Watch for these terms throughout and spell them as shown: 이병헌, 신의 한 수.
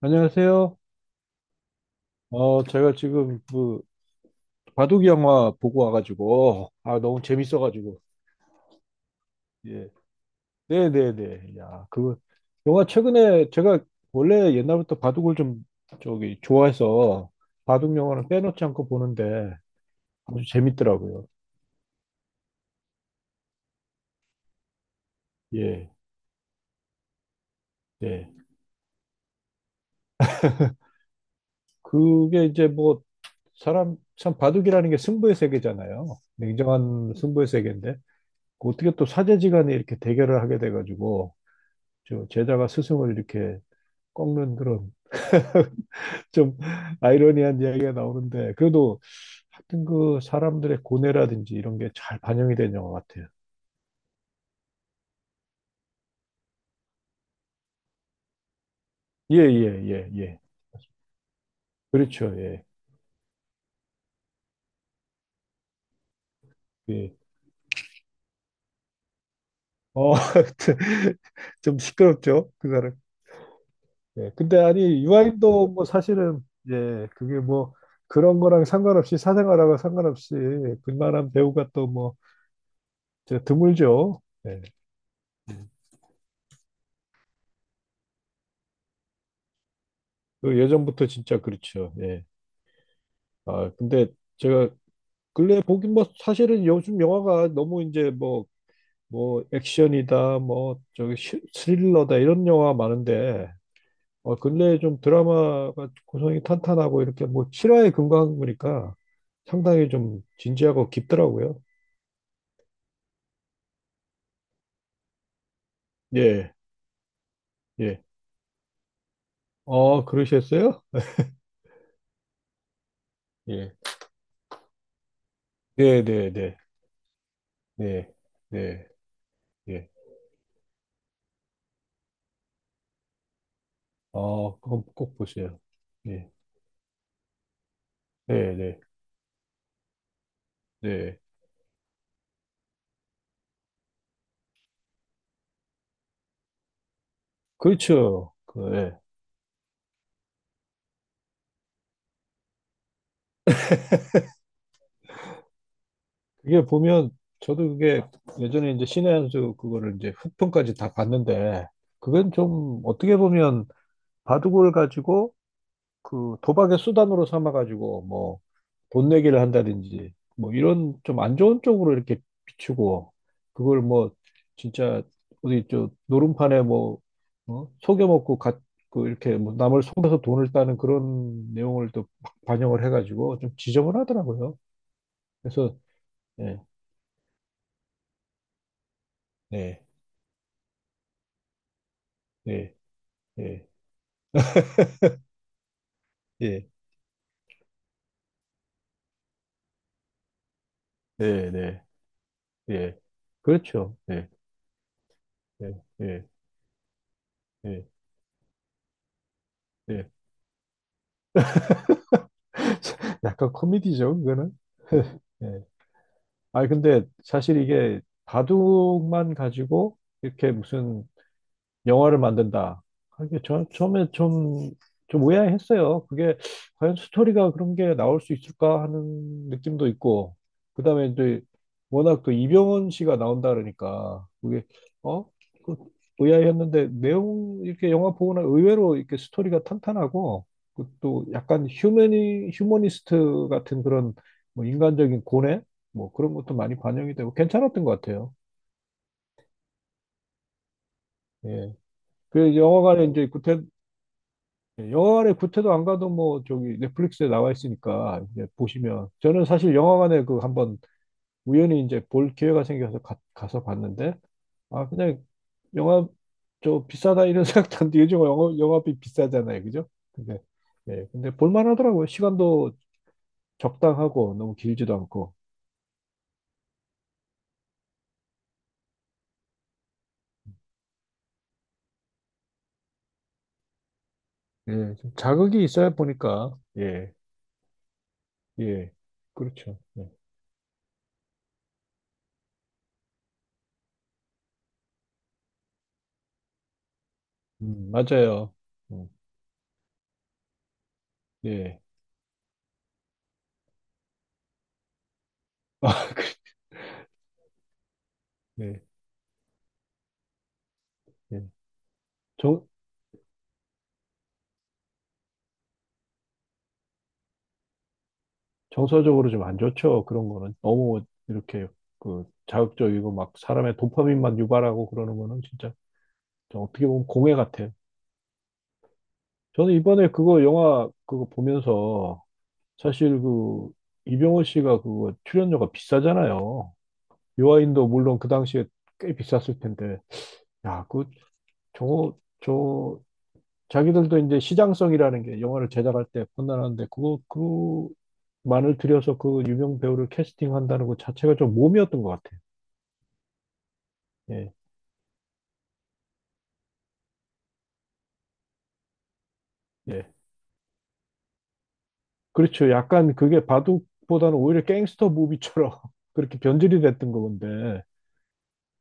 안녕하세요. 어, 제가 지금 그 바둑 영화 보고 와가지고 아 너무 재밌어가지고 예, 네, 네, 네. 야, 그 영화 최근에 제가 원래 옛날부터 바둑을 좀 저기 좋아해서 바둑 영화는 빼놓지 않고 보는데 아주 재밌더라고요. 예, 네. 그게 이제 뭐 사람 참 바둑이라는 게 승부의 세계잖아요. 냉정한 승부의 세계인데 그 어떻게 또 사제지간에 이렇게 대결을 하게 돼가지고 저 제자가 스승을 이렇게 꺾는 그런 좀 아이러니한 이야기가 나오는데 그래도 하여튼 그 사람들의 고뇌라든지 이런 게 잘 반영이 된 영화 같아요. 예, 예, 예, 예. 그렇죠. 예. 예. 어, 좀 시끄럽죠, 그 사람. 예. 근데 아니 유아인도 뭐 사실은 예, 그게 뭐 그런 거랑 상관없이 사생활하고 상관없이 그만한 배우가 또 뭐 드물죠. 예. 그 예전부터 진짜 그렇죠. 예. 아, 근데 제가 근래 보긴 뭐 사실은 요즘 영화가 너무 이제 뭐 뭐 액션이다 뭐 저기 스릴러다 이런 영화 많은데 어 근래 좀 드라마가 구성이 탄탄하고 이렇게 뭐 실화에 근거한 거니까 상당히 좀 진지하고 깊더라고요. 예, 예. 어 그러셨어요? 예. 네, 네, 네, 네, 네, 예. 어 그건 꼭 보세요. 예, 네, 네, 네. 그렇죠. 그, 예. 그게 보면 저도 그게 예전에 이제 신의 한 수 그거를 이제 후편까지 다 봤는데 그건 좀 어떻게 보면 바둑을 가지고 그 도박의 수단으로 삼아 가지고 뭐 돈 내기를 한다든지 뭐 이런 좀 안 좋은 쪽으로 이렇게 비추고 그걸 뭐 진짜 어디 저 노름판에 뭐 어? 속여먹고 갓 그 이렇게 뭐 남을 속여서 돈을 따는 그런 내용을 또 막 반영을 해가지고 좀 지저분하더라고요. 그래서 네 네, 네. 예, 예, 예 네, 예. 그렇죠. 예 예, 예, 예. 예. 약간 코미디죠, 그거는. 예. 아, 근데 사실 이게 바둑만 가지고 이렇게 무슨 영화를 만든다. 아, 이게 저, 처음에 좀, 좀 의아했어요. 그게 과연 스토리가 그런 게 나올 수 있을까 하는 느낌도 있고, 그 다음에 이제 워낙 또 이병헌 씨가 나온다 그러니까, 그게, 어? 그 의아했는데, 내용, 이렇게 영화 보거나 의외로 이렇게 스토리가 탄탄하고, 그또 약간 휴머니스트 같은 그런 뭐 인간적인 고뇌? 뭐 그런 것도 많이 반영이 되고 괜찮았던 것 같아요. 예. 그 영화관에 이제 구태, 예, 영화관에 구태도 안 가도 뭐 저기 넷플릭스에 나와 있으니까 이제 보시면 저는 사실 영화관에 그 한번 우연히 이제 볼 기회가 생겨서 가서 봤는데 아 그냥 영화 저 비싸다 이런 생각도 안 들고 요즘 영화, 영화비 비싸잖아요 그죠? 근데 예 근데 볼만하더라고요 시간도 적당하고 너무 길지도 않고 예좀 자극이 있어야 보니까 예 예 그렇죠 예. 맞아요 음, 예 아, 그, 예, 예. 정서적으로 좀 안 좋죠. 그런 거는 너무 이렇게 그 자극적이고 막 사람의 도파민만 유발하고 그러는 거는 진짜 어떻게 보면 공해 같아요. 저는 이번에 그거 영화 그거 보면서 사실 그 이병헌 씨가 그거 출연료가 비싸잖아요. 요아인도 물론 그 당시에 꽤 비쌌을 텐데 야, 그 저거 저 자기들도 이제 시장성이라는 게 영화를 제작할 때 판단하는데 그거 그 만을 들여서 그 유명 배우를 캐스팅한다는 것 자체가 좀 모험이었던 것 같아요. 예, 예. 그렇죠. 약간 그게 바둑보다는 오히려 갱스터 무비처럼 그렇게 변질이 됐던 건데,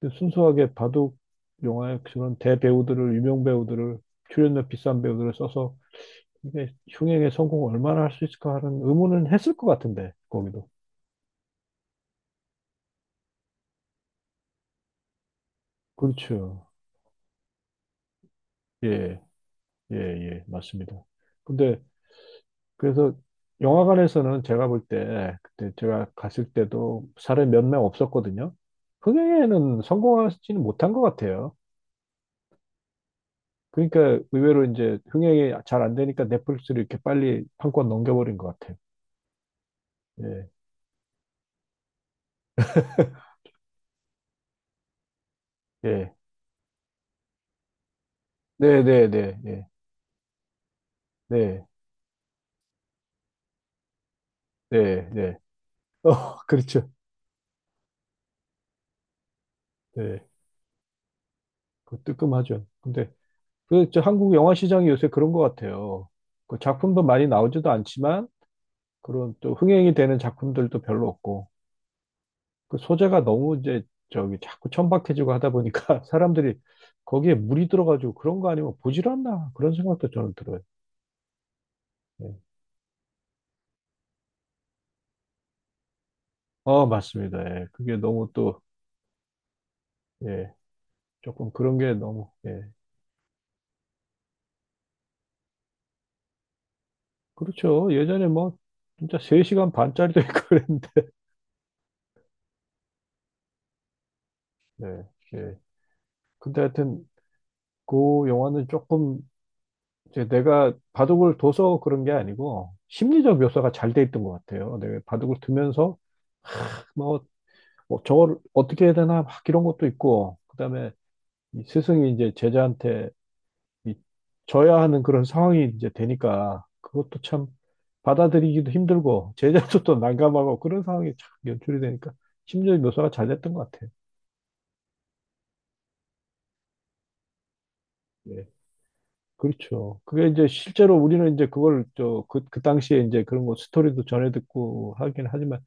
근데 순수하게 바둑 영화의 그런 대배우들을, 유명 배우들을, 출연료 비싼 배우들을 써서 이게 흥행에 성공을 얼마나 할 수 있을까 하는 의문은 했을 것 같은데, 거기도. 그렇죠. 예, 예, 예, 맞습니다. 근데 그래서 영화관에서는 제가 볼 때, 그때 제가 갔을 때도 사람이 몇 명 없었거든요. 흥행에는 성공하지는 못한 것 같아요. 그러니까 의외로 이제 흥행이 잘 안 되니까 넷플릭스를 이렇게 빨리 판권 넘겨버린 것 같아요. 예, 예. 네, 네, 네, 예, 네, 네, 네. 어, 그렇죠. 네, 그 뜨끔하죠. 근데 그저 한국 영화 시장이 요새 그런 것 같아요. 그 작품도 많이 나오지도 않지만 그런 또 흥행이 되는 작품들도 별로 없고 그 소재가 너무 이제 저기 자꾸 천박해지고 하다 보니까 사람들이 거기에 물이 들어가지고 그런 거 아니면 보질 않나 그런 생각도 저는 들어요. 네. 어, 맞습니다. 예. 그게 너무 또, 예, 조금 그런 게 너무, 예. 그렇죠. 예전에 뭐, 진짜 3시간 반짜리도 있고 그랬는데, 예, 예. 근데 하여튼, 그 영화는 조금, 이제 내가 바둑을 둬서 그런 게 아니고, 심리적 묘사가 잘 돼 있던 것 같아요. 내가 바둑을 두면서, 뭐, 뭐 저걸 어떻게 해야 되나, 막 이런 것도 있고, 그 다음에 스승이 이제 제자한테 이- 져야 하는 그런 상황이 이제 되니까 그것도 참 받아들이기도 힘들고 제자도 또 난감하고 그런 상황이 참 연출이 되니까 심리적 묘사가 잘 됐던 것 같아요. 예. 그렇죠. 그게 이제 실제로 우리는 이제 그걸 저 그 그 당시에 이제 그런 거 스토리도 전해 듣고 하긴 하지만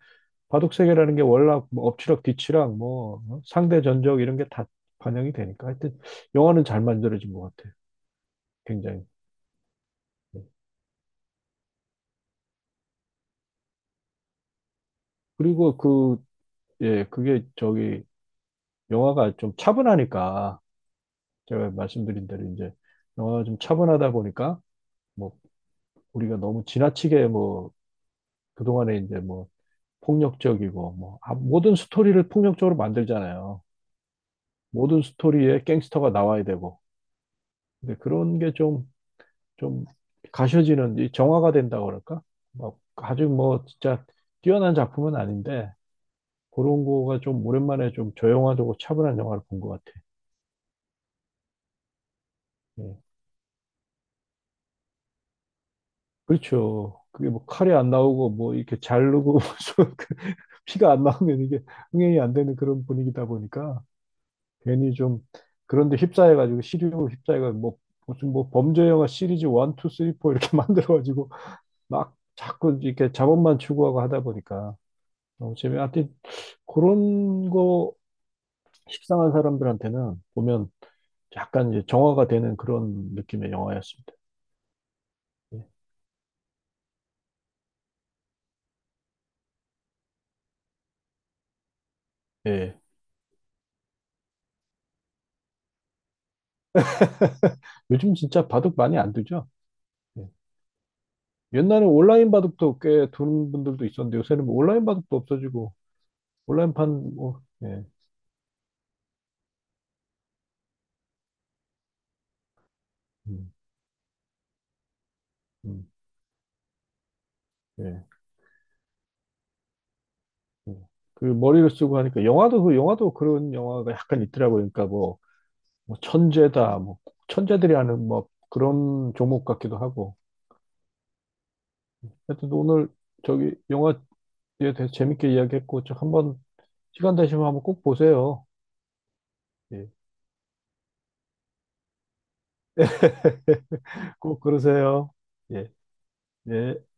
바둑 세계라는 게 월락 뭐 엎치락 뒤치락 뭐 어? 상대 전적 이런 게 다 반영이 되니까 하여튼 영화는 잘 만들어진 것 같아요. 굉장히. 예. 그리고 그 예, 그게 저기 영화가 좀 차분하니까 제가 말씀드린 대로 이제 영화가 좀 차분하다 보니까 뭐 우리가 너무 지나치게 뭐 그동안에 이제 뭐 폭력적이고 뭐 아, 모든 스토리를 폭력적으로 만들잖아요. 모든 스토리에 갱스터가 나와야 되고 근데 그런 게 좀 좀 가셔지는 이 정화가 된다고 그럴까? 막 아주 뭐 진짜 뛰어난 작품은 아닌데 그런 거가 좀 오랜만에 좀 조용하고 차분한 영화를 본 것 같아. 예. 그렇죠. 그게 뭐 칼이 안 나오고 뭐 이렇게 자르고 그 피가 안 나오면 이게 흥행이 안 되는 그런 분위기다 보니까 괜히 좀 그런데 휩싸여가지고 시류로 휩싸여가지고 뭐 무슨 뭐 범죄 영화 시리즈 1, 2, 3, 4 이렇게 만들어가지고 막 자꾸 이렇게 자본만 추구하고 하다 보니까 너무 재미. 하여튼 그런 거 식상한 사람들한테는 보면 약간 이제 정화가 되는 그런 느낌의 영화였습니다. 예. 예. 요즘 진짜 바둑 많이 안 두죠? 옛날에 온라인 바둑도 꽤 두는 분들도 있었는데 요새는 뭐 온라인 바둑도 없어지고 온라인판 뭐 예. 음, 음, 예. 예. 그 머리를 쓰고 하니까 영화도 그 영화도 그런 영화가 약간 있더라고요. 그러니까 뭐, 뭐 천재다 뭐 천재들이 하는 뭐 그런 종목 같기도 하고. 하여튼 오늘 저기 영화에 대해서 재밌게 이야기했고 저 한번 시간 되시면 한번 꼭 보세요. 예. 꼭 그러세요. 예. 예.